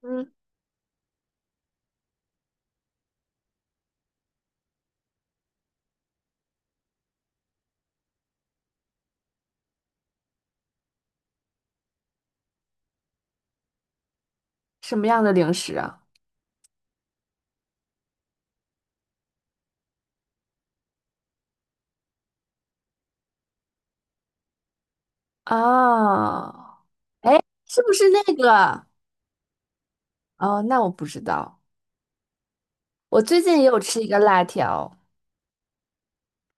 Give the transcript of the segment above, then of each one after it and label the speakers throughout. Speaker 1: 嗯，什么样的零食啊？哦，哎，是不是那个？哦，那我不知道。我最近也有吃一个辣条，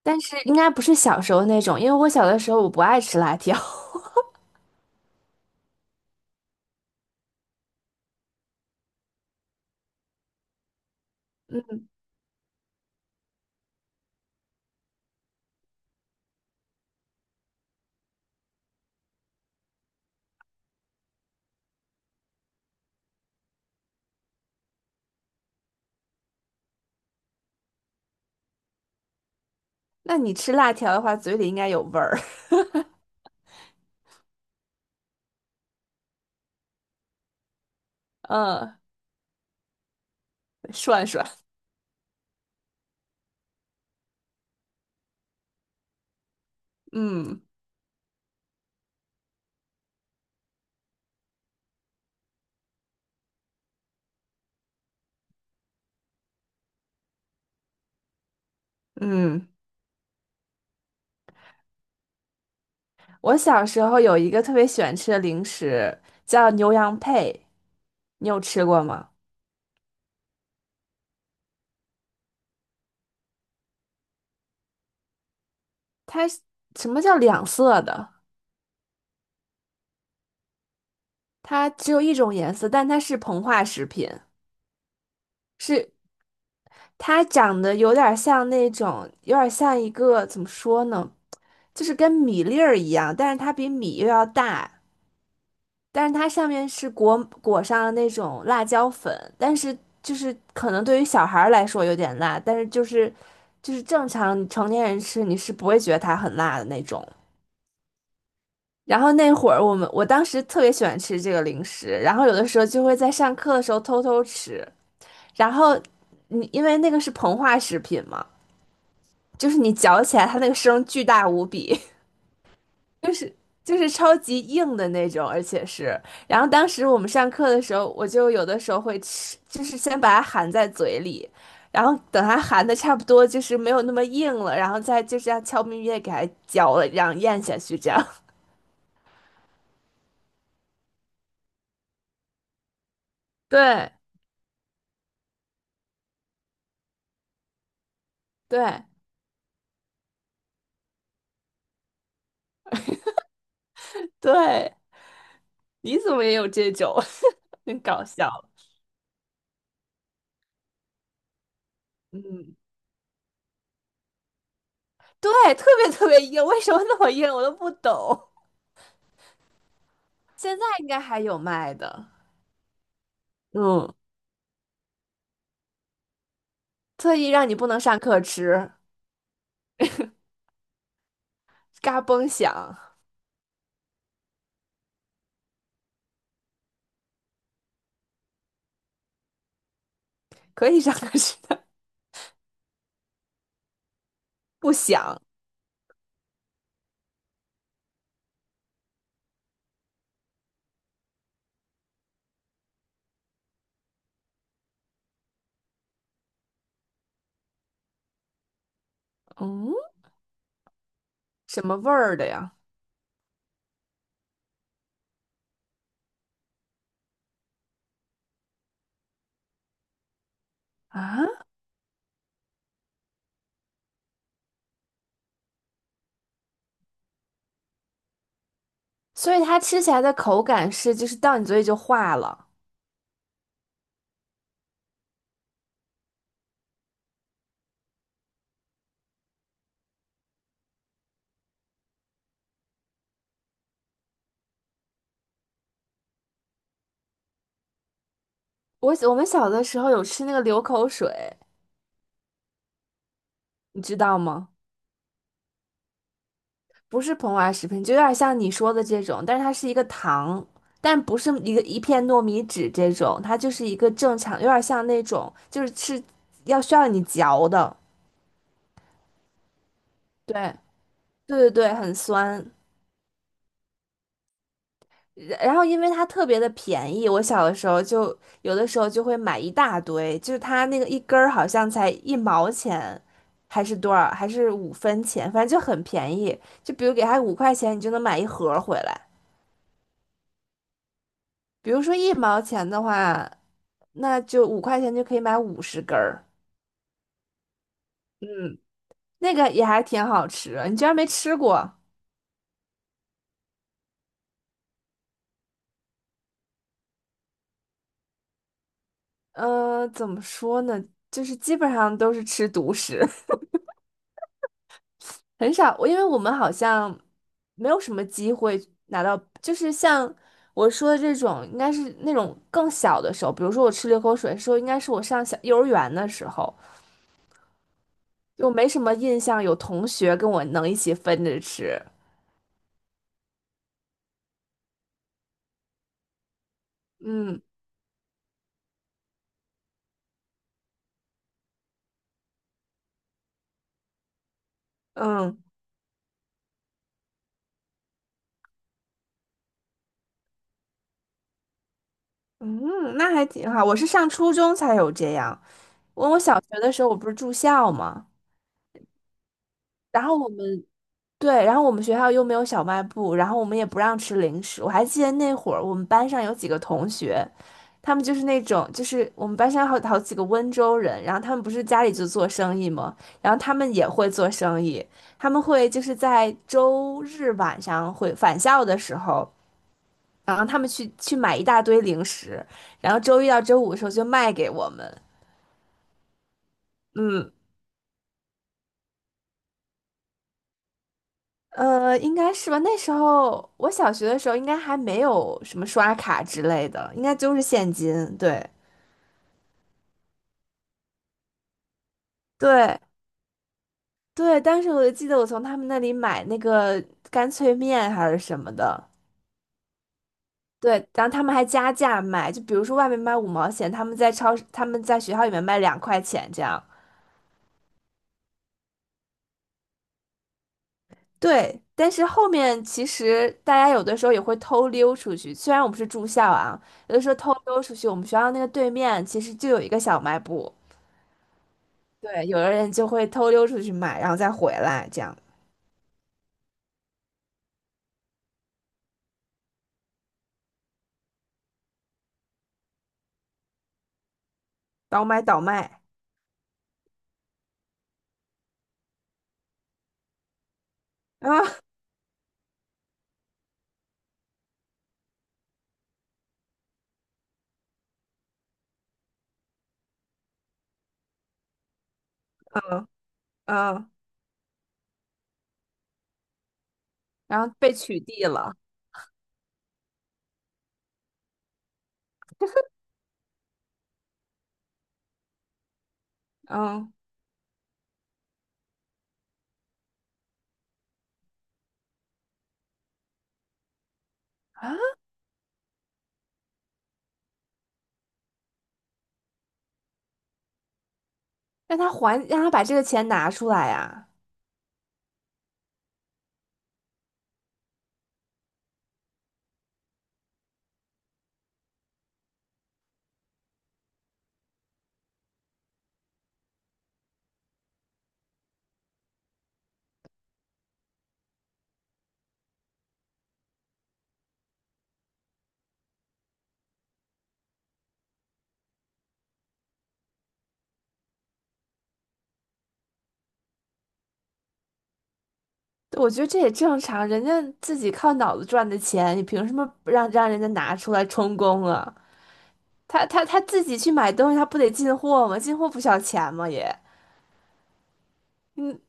Speaker 1: 但是应该不是小时候那种，因为我小的时候我不爱吃辣条。嗯，那你吃辣条的话，嘴里应该有味儿。嗯，涮涮。嗯嗯，我小时候有一个特别喜欢吃的零食，叫牛羊配，你有吃过吗？它是什么叫两色的？它只有一种颜色，但它是膨化食品，是它长得有点像那种，有点像一个，怎么说呢，就是跟米粒儿一样，但是它比米又要大，但是它上面是裹上了那种辣椒粉，但是就是可能对于小孩儿来说有点辣，但是就是正常成年人吃你是不会觉得它很辣的那种。然后那会儿我当时特别喜欢吃这个零食，然后有的时候就会在上课的时候偷偷吃。然后你因为那个是膨化食品嘛，就是你嚼起来它那个声巨大无比，就是就是超级硬的那种，而且是，然后当时我们上课的时候，我就有的时候会吃，就是先把它含在嘴里，然后等它含的差不多就是没有那么硬了，然后再就这样悄咪咪的给它嚼了，然后咽下去，这样。对对对，你怎么也有这种，很搞笑。嗯。对，特别特别硬，为什么那么硬，我都不懂。现在应该还有卖的，嗯，特意让你不能上课吃，嘎嘣响，可以上课吃的，不响，嗯，什么味儿的呀？啊，所以它吃起来的口感是，就是到你嘴里就化了。我们小的时候有吃那个流口水，你知道吗？不是膨化食品，就有点像你说的这种，但是它是一个糖，但不是一个一片糯米纸这种，它就是一个正常，有点像那种就是吃要需要你嚼的，对对对对，很酸。然后因为它特别的便宜，我小的时候就有的时候就会买一大堆，就是它那个一根儿好像才一毛钱，还是多少，还是5分钱，反正就很便宜。就比如给它五块钱，你就能买一盒儿回来。比如说一毛钱的话。那就五块钱就可以买50根儿，嗯，那个也还挺好吃的。你居然没吃过？嗯，怎么说呢？就是基本上都是吃独食，很少。因为我们好像没有什么机会拿到，就是像我说的这种，应该是那种更小的时候。比如说我吃流口水的时候，应该是我上小幼儿园的时候，就没什么印象有同学跟我能一起分着吃。嗯嗯。嗯，那还挺好。我是上初中才有这样。我小学的时候我不是住校吗？然后我们对，然后我们学校又没有小卖部，然后我们也不让吃零食。我还记得那会儿我们班上有几个同学，他们就是那种就是我们班上好几个温州人，然后他们不是家里就做生意嘛，然后他们也会做生意，他们会就是在周日晚上会返校的时候。然后他们去买一大堆零食，然后周一到周五的时候就卖给我们。嗯，应该是吧。那时候我小学的时候，应该还没有什么刷卡之类的，应该就是现金。对，对，对。当时我就记得我从他们那里买那个干脆面还是什么的。对，然后他们还加价卖，就比如说外面卖5毛钱，他们在超市，他们在学校里面卖2块钱这样。对，但是后面其实大家有的时候也会偷溜出去，虽然我们是住校啊，有的时候偷溜出去。我们学校那个对面其实就有一个小卖部，对，有的人就会偷溜出去买，然后再回来，这样倒买倒卖啊，嗯嗯，然后被取缔了，嗯啊，让他还，让他把这个钱拿出来呀。对，我觉得这也正常，人家自己靠脑子赚的钱，你凭什么不让人家拿出来充公啊？他自己去买东西，他不得进货吗？进货不需要钱吗？也，嗯，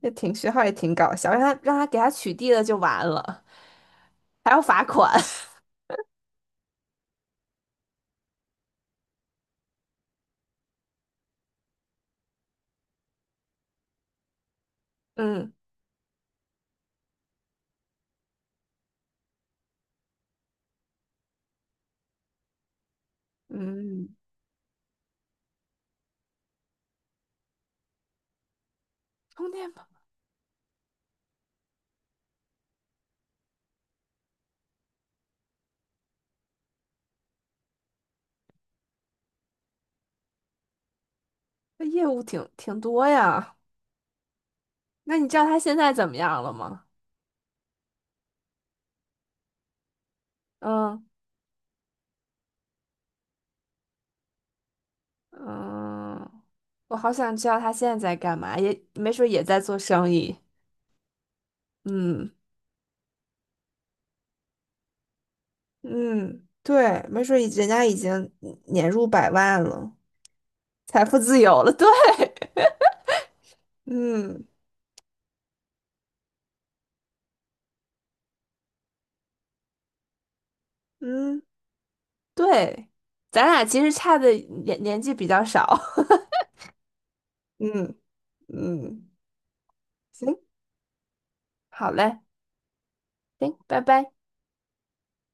Speaker 1: 也挺徐号也挺搞笑，让他给他取缔了就完了，还要罚款。嗯嗯，充电宝这业务挺多呀。那你知道他现在怎么样了吗？嗯嗯，我好想知道他现在在干嘛，也没准也在做生意。嗯嗯，对，没准人家已经年入百万了。财富自由了，对。嗯。嗯，对，咱俩其实差的年纪比较少。嗯嗯，行，好嘞，行，拜拜。